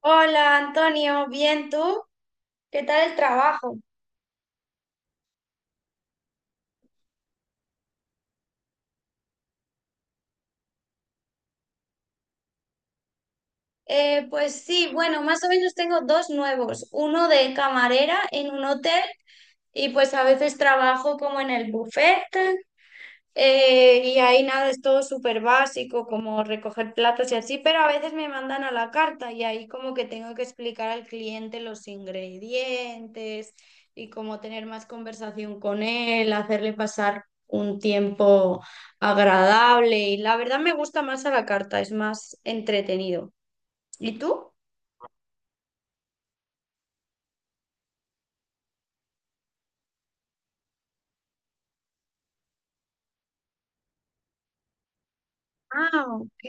Hola Antonio, ¿bien tú? ¿Qué tal el trabajo? Pues sí, bueno, más o menos tengo dos nuevos, uno de camarera en un hotel y pues a veces trabajo como en el buffet. Y ahí nada, es todo súper básico, como recoger platos y así, pero a veces me mandan a la carta y ahí como que tengo que explicar al cliente los ingredientes y como tener más conversación con él, hacerle pasar un tiempo agradable, y la verdad me gusta más a la carta, es más entretenido. ¿Y tú? Ah, ok.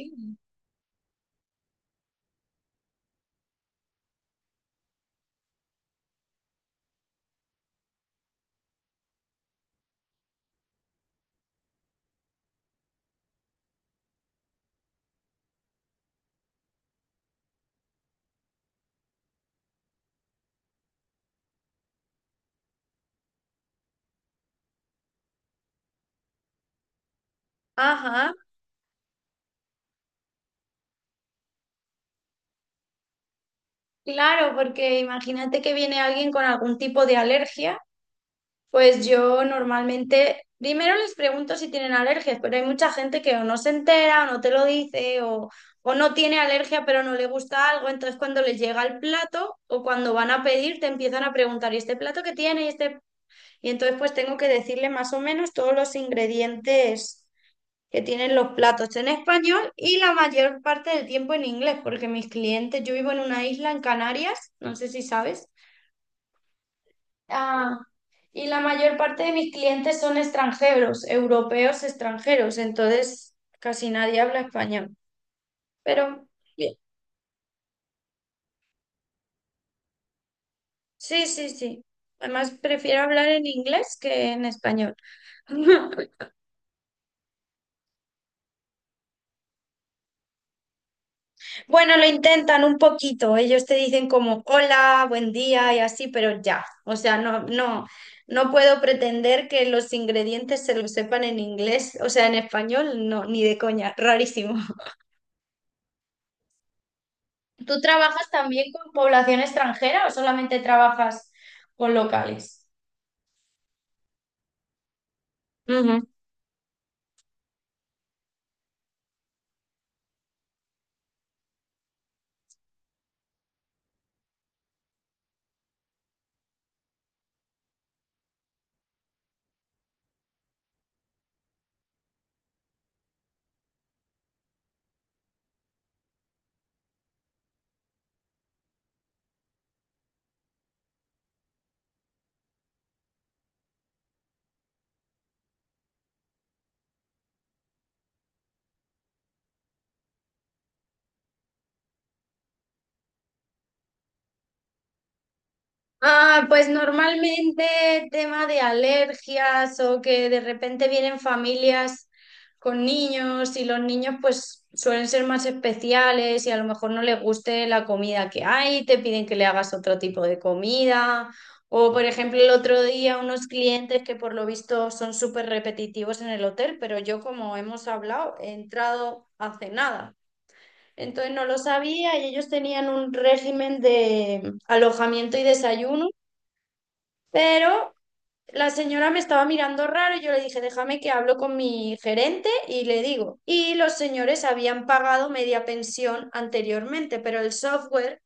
Ajá, claro, porque imagínate que viene alguien con algún tipo de alergia. Pues yo normalmente, primero les pregunto si tienen alergias, pero hay mucha gente que o no se entera, o no te lo dice, o no tiene alergia, pero no le gusta algo. Entonces, cuando les llega el plato o cuando van a pedir, te empiezan a preguntar, ¿y este plato qué tiene? Y, este... y entonces, pues tengo que decirle más o menos todos los ingredientes que tienen los platos en español, y la mayor parte del tiempo en inglés, porque mis clientes, yo vivo en una isla en Canarias, no sé si sabes. Ah, y la mayor parte de mis clientes son extranjeros, europeos extranjeros, entonces casi nadie habla español. Pero bien, sí, sí, sí. Además, prefiero hablar en inglés que en español. Bueno, lo intentan un poquito. Ellos te dicen como hola, buen día y así, pero ya. O sea, no, no, no puedo pretender que los ingredientes se los sepan en inglés, o sea, en español, no, ni de coña. Rarísimo. ¿Tú trabajas también con población extranjera o solamente trabajas con locales? Ah, pues normalmente tema de alergias o que de repente vienen familias con niños, y los niños pues suelen ser más especiales y a lo mejor no les guste la comida que hay, te piden que le hagas otro tipo de comida. O por ejemplo el otro día unos clientes que por lo visto son súper repetitivos en el hotel, pero yo como hemos hablado he entrado hace nada. Entonces no lo sabía, y ellos tenían un régimen de alojamiento y desayuno, pero la señora me estaba mirando raro y yo le dije, déjame que hablo con mi gerente y le digo. Y los señores habían pagado media pensión anteriormente, pero el software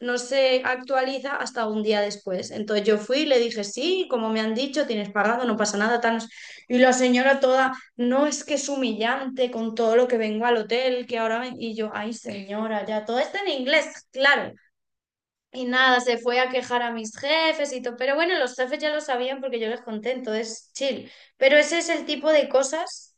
no se actualiza hasta un día después. Entonces yo fui y le dije, sí, como me han dicho, tienes pagado, no pasa nada, tal. No. Y la señora toda, no, es que es humillante con todo lo que vengo al hotel, que ahora... ven-". Y yo, ay señora, ya todo está en inglés, claro. Y nada, se fue a quejar a mis jefes y todo. Pero bueno, los jefes ya lo sabían porque yo les conté, entonces chill. Pero ese es el tipo de cosas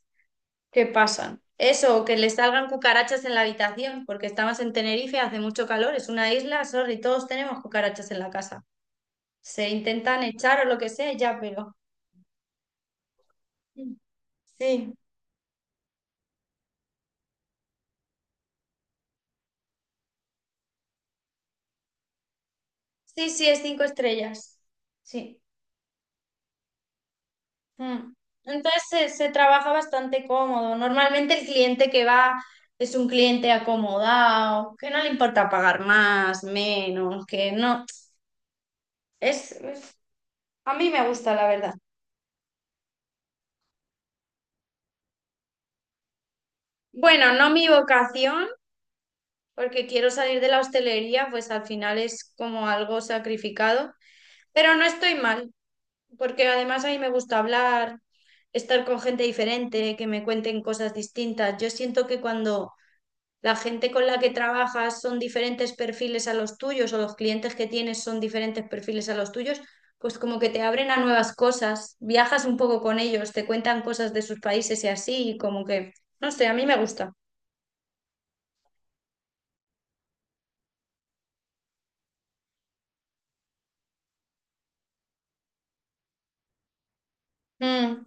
que pasan. Eso, o que le salgan cucarachas en la habitación, porque estamos en Tenerife, hace mucho calor, es una isla, sorry, todos tenemos cucarachas en la casa. Se intentan echar o lo que sea, ya, pero. Sí, sí, sí, es cinco estrellas. Sí. Mm. Entonces se trabaja bastante cómodo. Normalmente el cliente que va es un cliente acomodado, que no le importa pagar más, menos, que no. Es, es- a mí me gusta, la verdad. Bueno, no mi vocación, porque quiero salir de la hostelería, pues al final es como algo sacrificado, pero no estoy mal, porque además a mí me gusta hablar, estar con gente diferente, que me cuenten cosas distintas. Yo siento que cuando la gente con la que trabajas son diferentes perfiles a los tuyos, o los clientes que tienes son diferentes perfiles a los tuyos, pues como que te abren a nuevas cosas, viajas un poco con ellos, te cuentan cosas de sus países y así, y como que, no sé, a mí me gusta. Mm,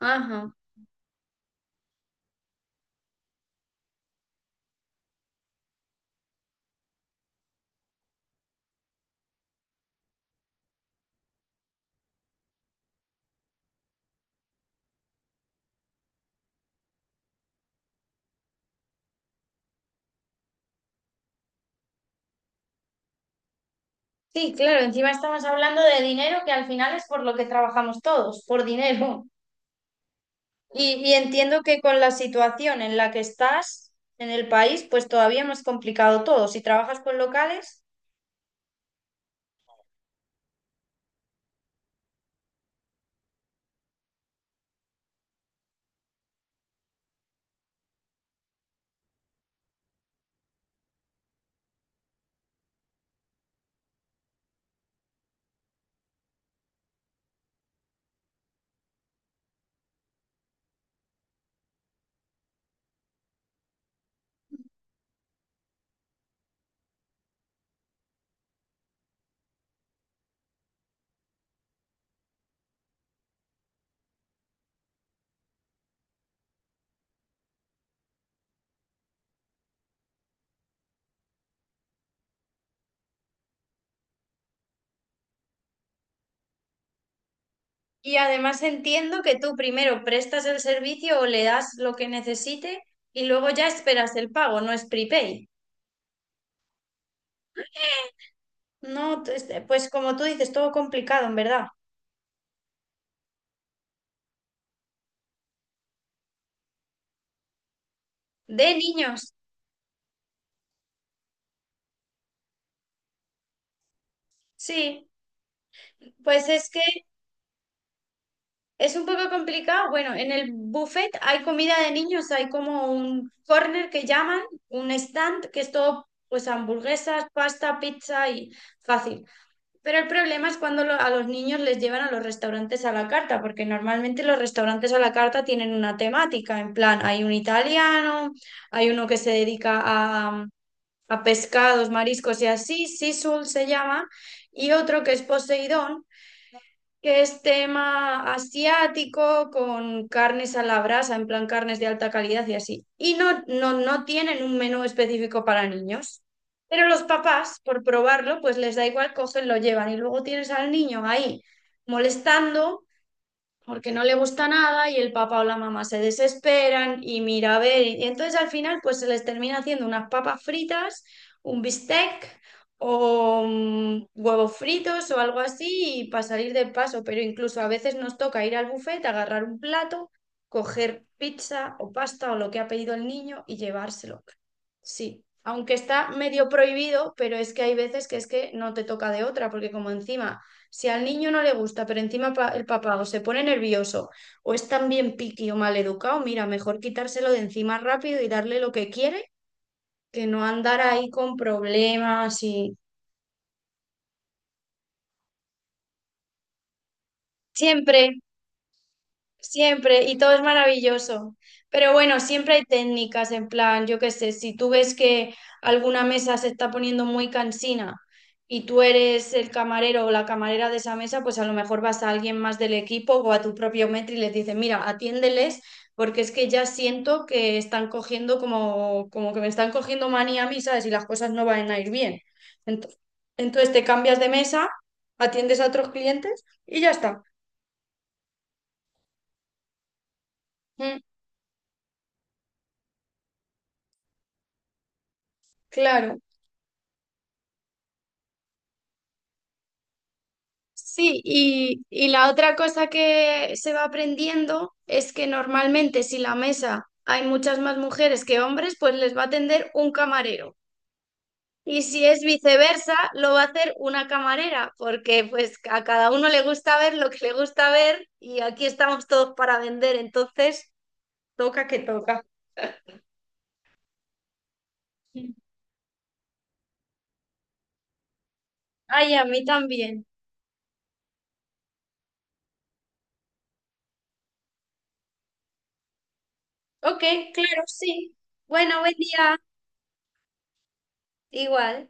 ajá. Sí, claro, encima estamos hablando de dinero, que al final es por lo que trabajamos todos, por dinero. Y entiendo que con la situación en la que estás en el país, pues todavía más complicado todo. Si trabajas con locales, y además entiendo que tú primero prestas el servicio o le das lo que necesite y luego ya esperas el pago, no es prepay. No, este, pues como tú dices, todo complicado, en verdad. De niños, sí. Pues es que es un poco complicado. Bueno, en el buffet hay comida de niños, hay como un corner que llaman, un stand, que es todo, pues hamburguesas, pasta, pizza y fácil. Pero el problema es cuando a los niños les llevan a los restaurantes a la carta, porque normalmente los restaurantes a la carta tienen una temática, en plan, hay un italiano, hay uno que se dedica a pescados, mariscos y así, Sisul se llama, y otro que es Poseidón, que es tema asiático con carnes a la brasa, en plan carnes de alta calidad y así. Y no, no, no tienen un menú específico para niños. Pero los papás, por probarlo, pues les da igual, cogen, lo llevan. Y luego tienes al niño ahí molestando porque no le gusta nada y el papá o la mamá se desesperan y mira, a ver, y entonces al final pues se les termina haciendo unas papas fritas, un bistec o huevos fritos o algo así y para salir del paso, pero incluso a veces nos toca ir al buffet, agarrar un plato, coger pizza o pasta o lo que ha pedido el niño y llevárselo. Sí, aunque está medio prohibido, pero es que hay veces que es que no te toca de otra, porque como encima si al niño no le gusta, pero encima el papá o se pone nervioso o es también piqui o maleducado, mira, mejor quitárselo de encima rápido y darle lo que quiere, que no andar ahí con problemas y siempre. Siempre, y todo es maravilloso. Pero bueno, siempre hay técnicas, en plan, yo qué sé, si tú ves que alguna mesa se está poniendo muy cansina y tú eres el camarero o la camarera de esa mesa, pues a lo mejor vas a alguien más del equipo o a tu propio metro y les dices, mira, atiéndeles porque es que ya siento que están cogiendo como, como que me están cogiendo manía a mí, ¿sabes? Y las cosas no van a ir bien. Ento- Entonces, te cambias de mesa, atiendes a otros clientes y ya está. Mm, claro. Sí, y la otra cosa que se va aprendiendo es que normalmente si la mesa hay muchas más mujeres que hombres, pues les va a atender un camarero. Y si es viceversa, lo va a hacer una camarera, porque pues a cada uno le gusta ver lo que le gusta ver y aquí estamos todos para vender, entonces toca que toca. Ay, a mí también. Ok, claro, sí. Bueno, buen día. Igual.